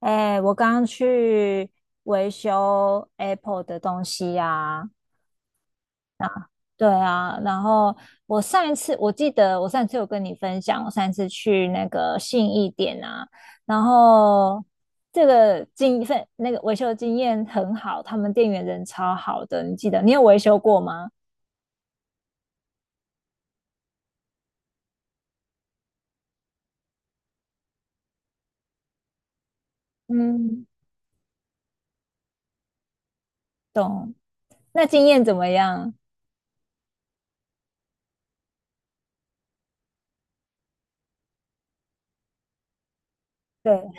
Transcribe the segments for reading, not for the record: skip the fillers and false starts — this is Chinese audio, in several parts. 哎，我刚刚去维修 Apple 的东西呀、对啊，然后我记得我上一次有跟你分享，我上一次去那个信义店啊，然后这个经份那个维修经验很好，他们店员人超好的，你记得你有维修过吗？嗯，懂。那经验怎么样？对，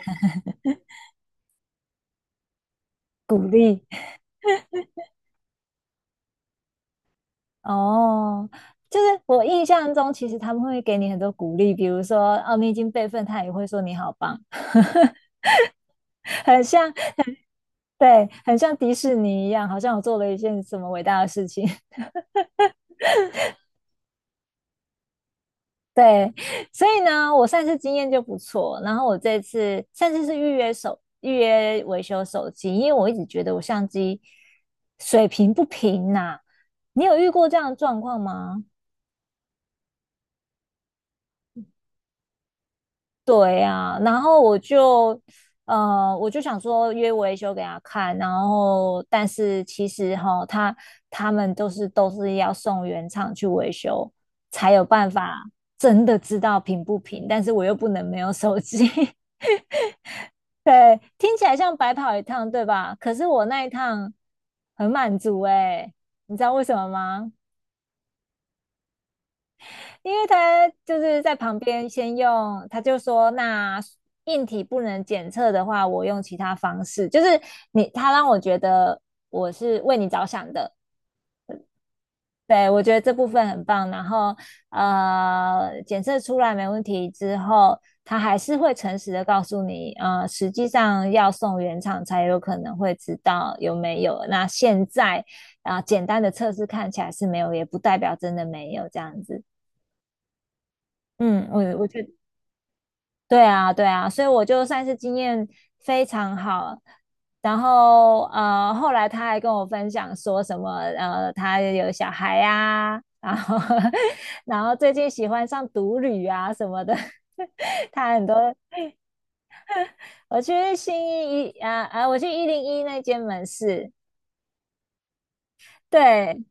鼓励。哦，就是我印象中，其实他们会给你很多鼓励，比如说哦，你已经备份，他也会说你好棒，很像，对，很像迪士尼一样，好像我做了一件什么伟大的事情。对，所以呢，我上次经验就不错，然后我这次上次是预约维修手机，因为我一直觉得我相机水平不平呐、你有遇过这样的状况吗？对呀、然后我就，我就想说约维修给他看，然后但是其实哈，他们都是要送原厂去维修，才有办法真的知道平不平，但是我又不能没有手机，对，听起来像白跑一趟，对吧？可是我那一趟很满足哎，你知道为什么吗？因为他就是在旁边先用，他就说那硬体不能检测的话，我用其他方式，就是让我觉得我是为你着想的，对我觉得这部分很棒。然后检测出来没问题之后，他还是会诚实的告诉你，实际上要送原厂才有可能会知道有没有。那现在啊、呃简单的测试看起来是没有，也不代表真的没有这样子。嗯，我觉得对啊，对啊，所以我就算是经验非常好。然后后来他还跟我分享说什么他有小孩呀、然后 然后最近喜欢上独旅啊什么的。他很多，我去一零一那间门市，对，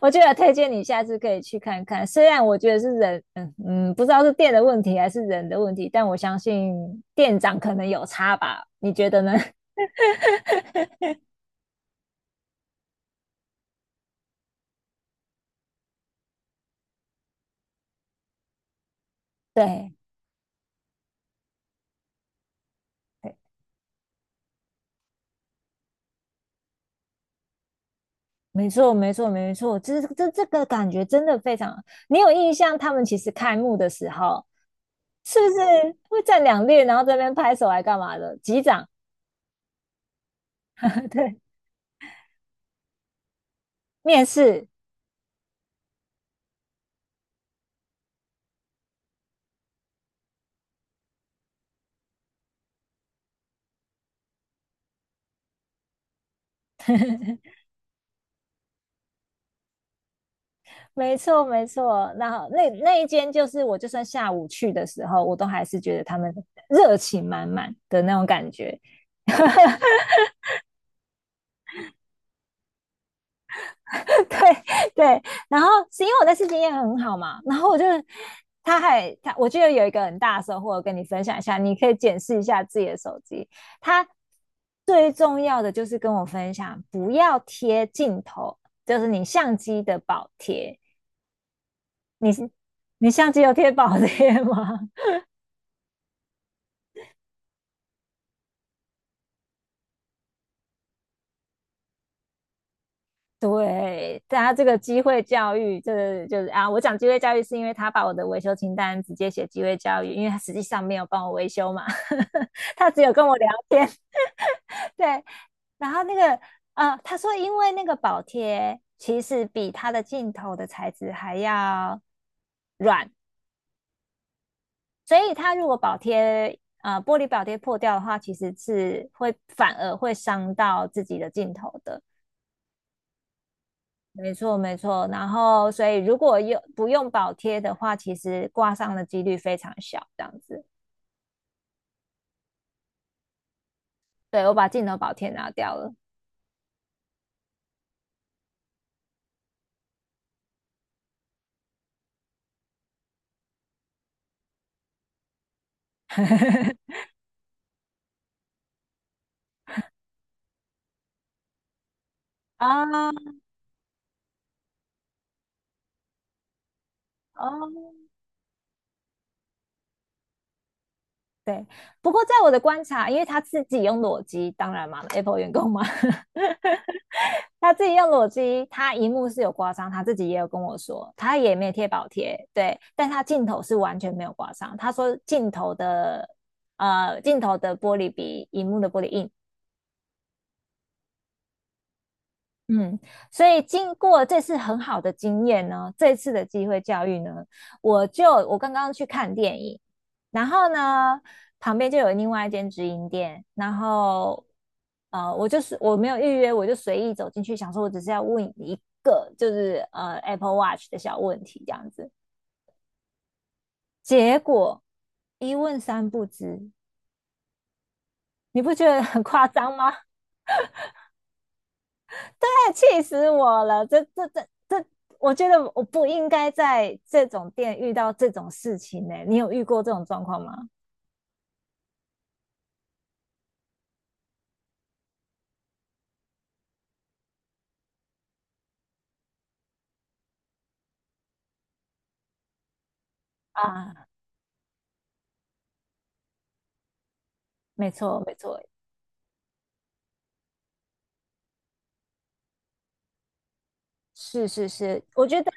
我就得推荐你下次可以去看看。虽然我觉得是人，嗯嗯，不知道是店的问题还是人的问题，但我相信店长可能有差吧？你觉得呢？对对，没错没错没错，这个感觉真的非常。你有印象，他们其实开幕的时候是不是会站两列，然后这边拍手来干嘛的？击掌，对，面试，没错没错。然后那一间就是我，就算下午去的时候，我都还是觉得他们热情满满的那种感觉。对对，然后是因为我的次经验很好嘛，然后我就他还他，我记得有一个很大的收获，我跟你分享一下，你可以检视一下自己的手机。他最重要的就是跟我分享，不要贴镜头，就是你相机的保贴。你是你相机有贴保贴吗？对，他这个机会教育，这个就是啊，我讲机会教育是因为他把我的维修清单直接写机会教育，因为他实际上没有帮我维修嘛，呵呵他只有跟我聊天。对，然后那个他说因为那个保贴其实比他的镜头的材质还要软，所以他如果玻璃保贴破掉的话，其实是反而会伤到自己的镜头的。没错，没错。然后，所以如果不用保贴的话，其实挂上的几率非常小，这样子。对，我把镜头保贴拿掉了啊，哦，对。不过在我的观察，因为他自己用裸机，当然嘛，Apple 员工嘛，他自己用裸机，他荧幕是有刮伤，他自己也有跟我说，他也没有贴保贴，对，但他镜头是完全没有刮伤。他说镜头的玻璃比荧幕的玻璃硬，嗯，所以经过这次很好的经验呢，这次的机会教育呢，我刚刚去看电影，然后呢，旁边就有另外一间直营店，然后我就是我没有预约，我就随意走进去，想说我只是要问一个就是呃 Apple Watch 的小问题这样子，结果一问三不知，你不觉得很夸张吗？太气死我了！这这这这，我觉得我不应该在这种店遇到这种事情呢、欸你有遇过这种状况吗？啊，没错，没错，是是是，我觉得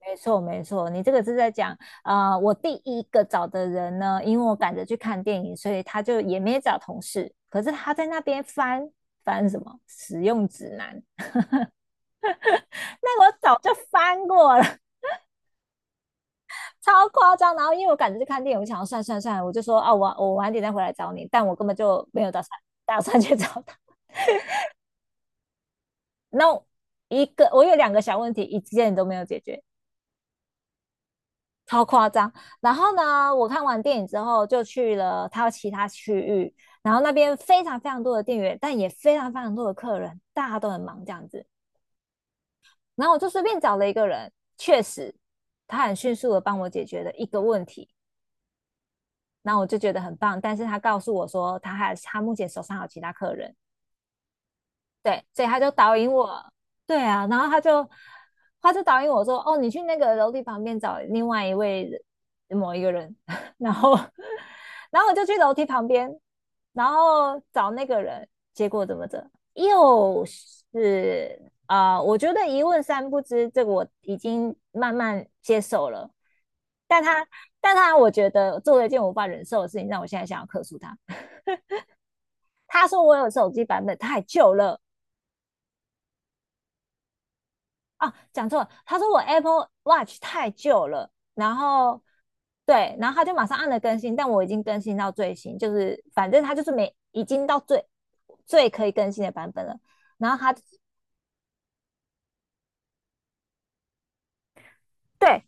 没错没错。你这个是在讲，啊，我第一个找的人呢，因为我赶着去看电影，所以他就也没找同事，可是他在那边翻什么使用指南，那个我早就翻过了。超夸张。然后因为我赶着去看电影，我想要算算算，我就说啊，我晚点再回来找你，但我根本就没有打算去找他。那一个我有两个小问题，一件都没有解决，超夸张。然后呢，我看完电影之后就去了他其他区域，然后那边非常非常多的店员，但也非常非常多的客人，大家都很忙这样子。然后我就随便找了一个人，确实他很迅速的帮我解决了一个问题。那我就觉得很棒。但是他告诉我说，他目前手上有其他客人，对，所以他就导引我，对啊，然后他就导引我说，哦，你去那个楼梯旁边找另外一位某一个人，然后然后我就去楼梯旁边，然后找那个人，结果怎么着，又是啊、呃我觉得一问三不知，这个我已经慢慢接受了，但他但他我觉得做了一件我无法忍受的事情，让我现在想要克诉他。他说我有手机版本太旧了，啊，讲错了，他说我 Apple Watch 太旧了，然后对，然后他就马上按了更新，但我已经更新到最新，就是反正他就是没已经到最可以更新的版本了。然后他对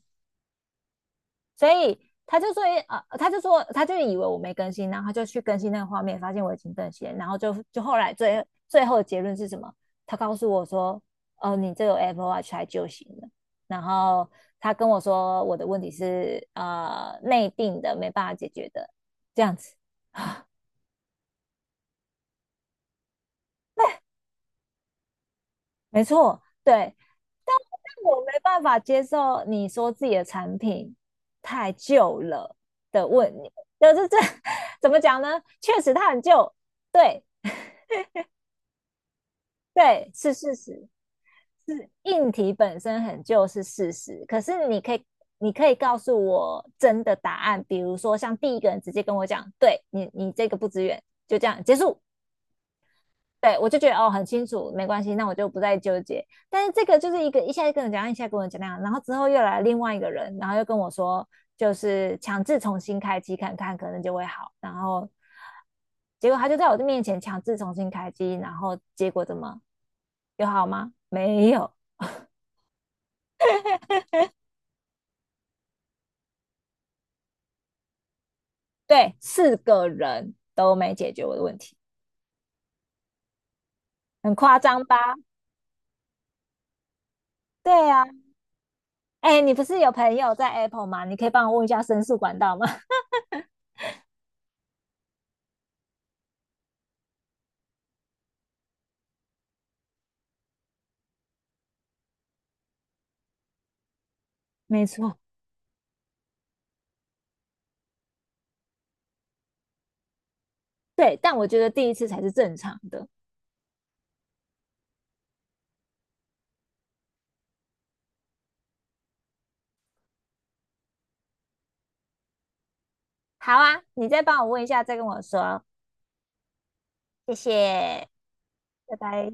所以他就说啊，呃，他就以为我没更新，然后他就去更新那个画面，发现我已经更新，然后就后来最后的结论是什么？他告诉我说，哦，你这个 Apple Watch 还就行了。然后他跟我说，我的问题是呃内定的，没办法解决的，这样子，没错，对。但但我没办法接受你说自己的产品太旧了的问，就是这 怎么讲呢？确实它很旧，对，对，是事实，是硬题本身很旧是事实，可是你可以，你可以告诉我真的答案，比如说像第一个人直接跟我讲，对你，你这个不支援，就这样结束，对，我就觉得哦，很清楚，没关系，那我就不再纠结。但是这个就是一个一下跟我讲那样，然后之后又来另外一个人，然后又跟我说，就是强制重新开机看看，可能就会好。然后结果他就在我的面前强制重新开机，然后结果怎么有好吗？没有，对，四个人都没解决我的问题，很夸张吧？对啊，哎，你不是有朋友在 Apple 吗？你可以帮我问一下申诉管道吗？没错，对，但我觉得第一次才是正常的。好啊，你再帮我问一下，再跟我说，谢谢，拜拜。